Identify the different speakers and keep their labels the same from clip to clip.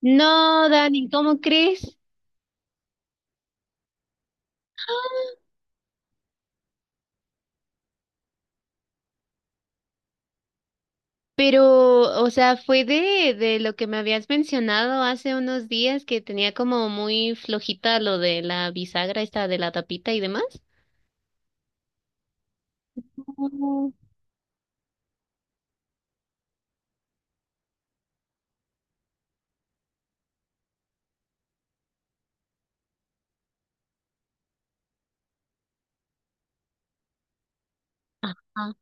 Speaker 1: No, Dani, ¿cómo crees? Pero, o sea, fue de lo que me habías mencionado hace unos días que tenía como muy flojita lo de la bisagra esta de la tapita y demás. Oh. Ajá.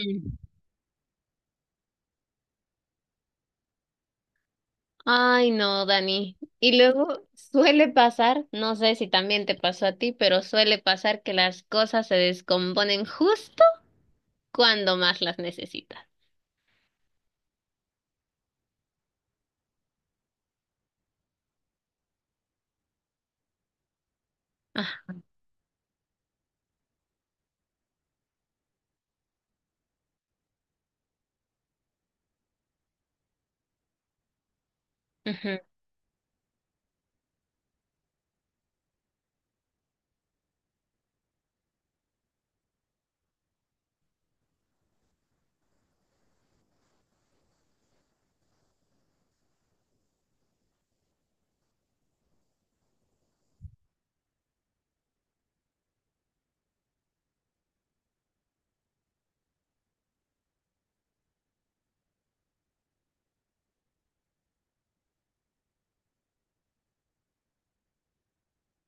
Speaker 1: Mm. Ay, no, Dani. Y luego suele pasar, no sé si también te pasó a ti, pero suele pasar que las cosas se descomponen justo cuando más las necesitas. Ah, ujú.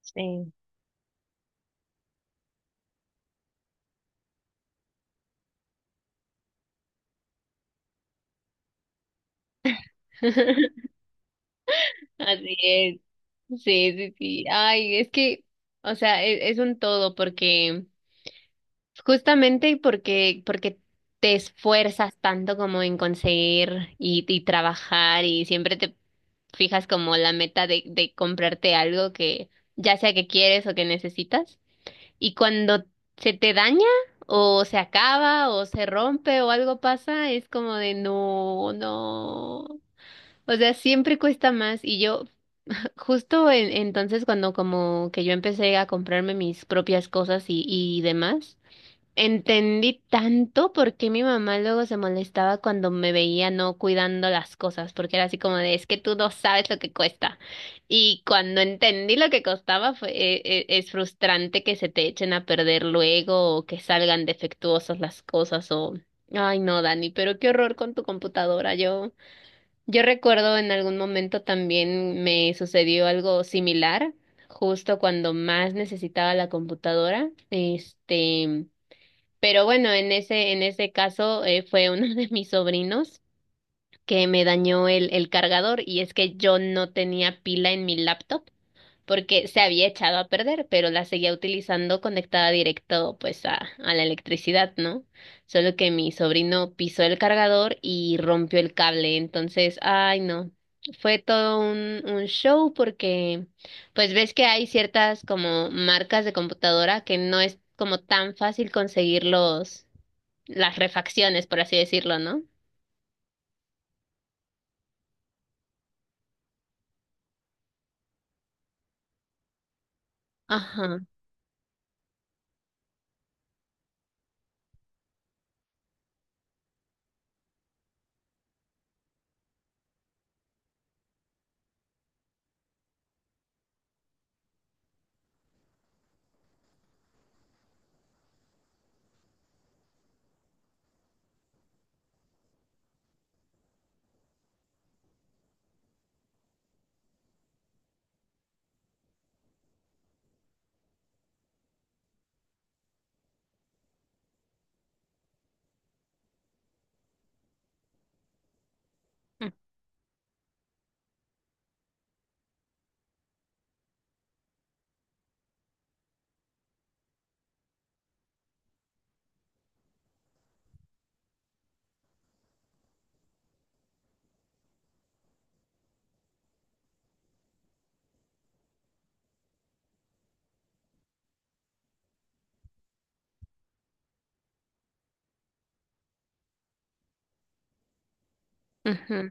Speaker 1: Sí. Así es. Sí, sí, sí. Ay, es que, o sea, es un todo porque, justamente porque te esfuerzas tanto como en conseguir y trabajar y siempre te fijas como la meta de comprarte algo que ya sea que quieres o que necesitas. Y cuando se te daña o se acaba o se rompe o algo pasa, es como de no, no. O sea, siempre cuesta más y yo. Justo entonces cuando como que yo empecé a comprarme mis propias cosas y demás, entendí tanto por qué mi mamá luego se molestaba cuando me veía no cuidando las cosas, porque era así como de, es que tú no sabes lo que cuesta. Y cuando entendí lo que costaba, fue, es frustrante que se te echen a perder luego o que salgan defectuosas las cosas o... Ay, no, Dani, pero qué horror con tu computadora, yo. Yo recuerdo en algún momento también me sucedió algo similar, justo cuando más necesitaba la computadora, este, pero bueno, en ese caso fue uno de mis sobrinos que me dañó el cargador y es que yo no tenía pila en mi laptop porque se había echado a perder, pero la seguía utilizando conectada directo pues a la electricidad, ¿no? Solo que mi sobrino pisó el cargador y rompió el cable, entonces, ay no, fue todo un show porque pues ves que hay ciertas como marcas de computadora que no es como tan fácil conseguir los, las refacciones, por así decirlo, ¿no? Ajá. Ujú.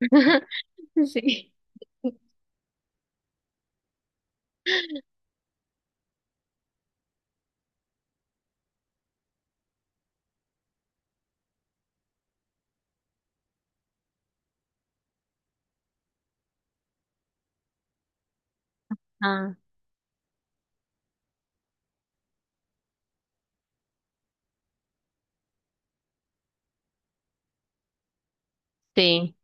Speaker 1: Sí. Ah, sí,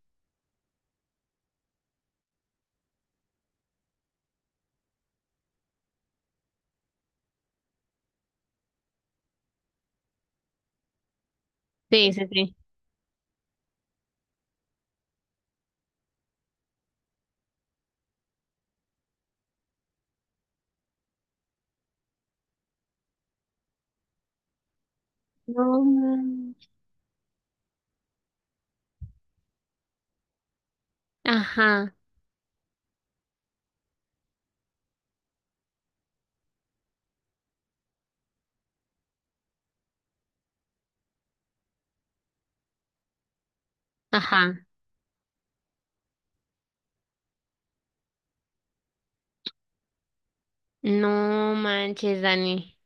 Speaker 1: sí, sí, sí. No manches. Ajá, ajá. No manches, Dani.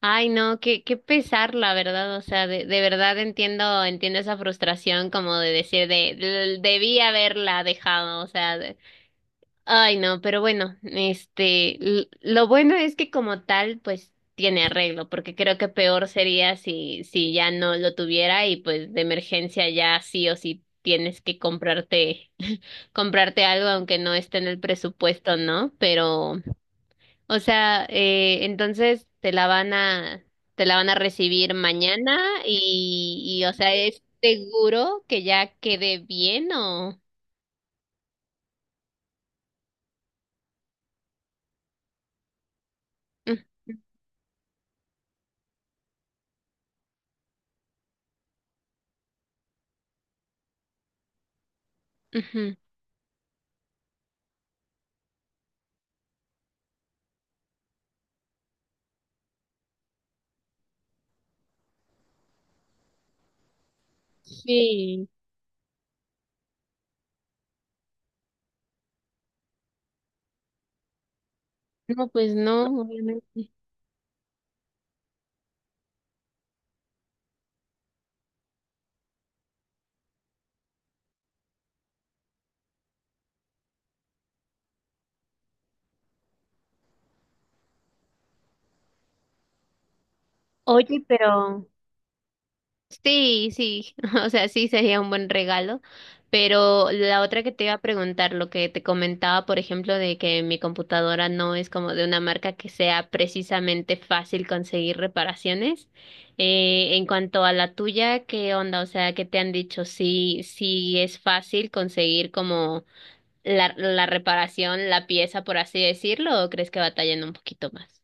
Speaker 1: Ay, no, qué, qué pesar, la verdad. O sea, de verdad entiendo, entiendo esa frustración como de decir de, Debí haberla dejado. O sea, de- ay, no, pero bueno, este, lo bueno es que como tal, pues tiene arreglo, porque creo que peor sería si, si ya no lo tuviera y pues de emergencia ya sí o sí tienes que comprarte. Comprarte algo aunque no esté en el presupuesto, ¿no? Pero, o sea, entonces te la van a, te la van a recibir mañana y, o sea, ¿es seguro que ya quede bien o? Mm, ujú. Sí, no, pues no, obviamente. Oye, pero sí, sí, o sea, sí sería un buen regalo, pero la otra que te iba a preguntar, lo que te comentaba, por ejemplo, de que mi computadora no es como de una marca que sea precisamente fácil conseguir reparaciones. En cuanto a la tuya, ¿qué onda? O sea, ¿qué te han dicho? Sí, ¿sí es fácil conseguir como la reparación, la pieza, por así decirlo, o crees que batallan un poquito más?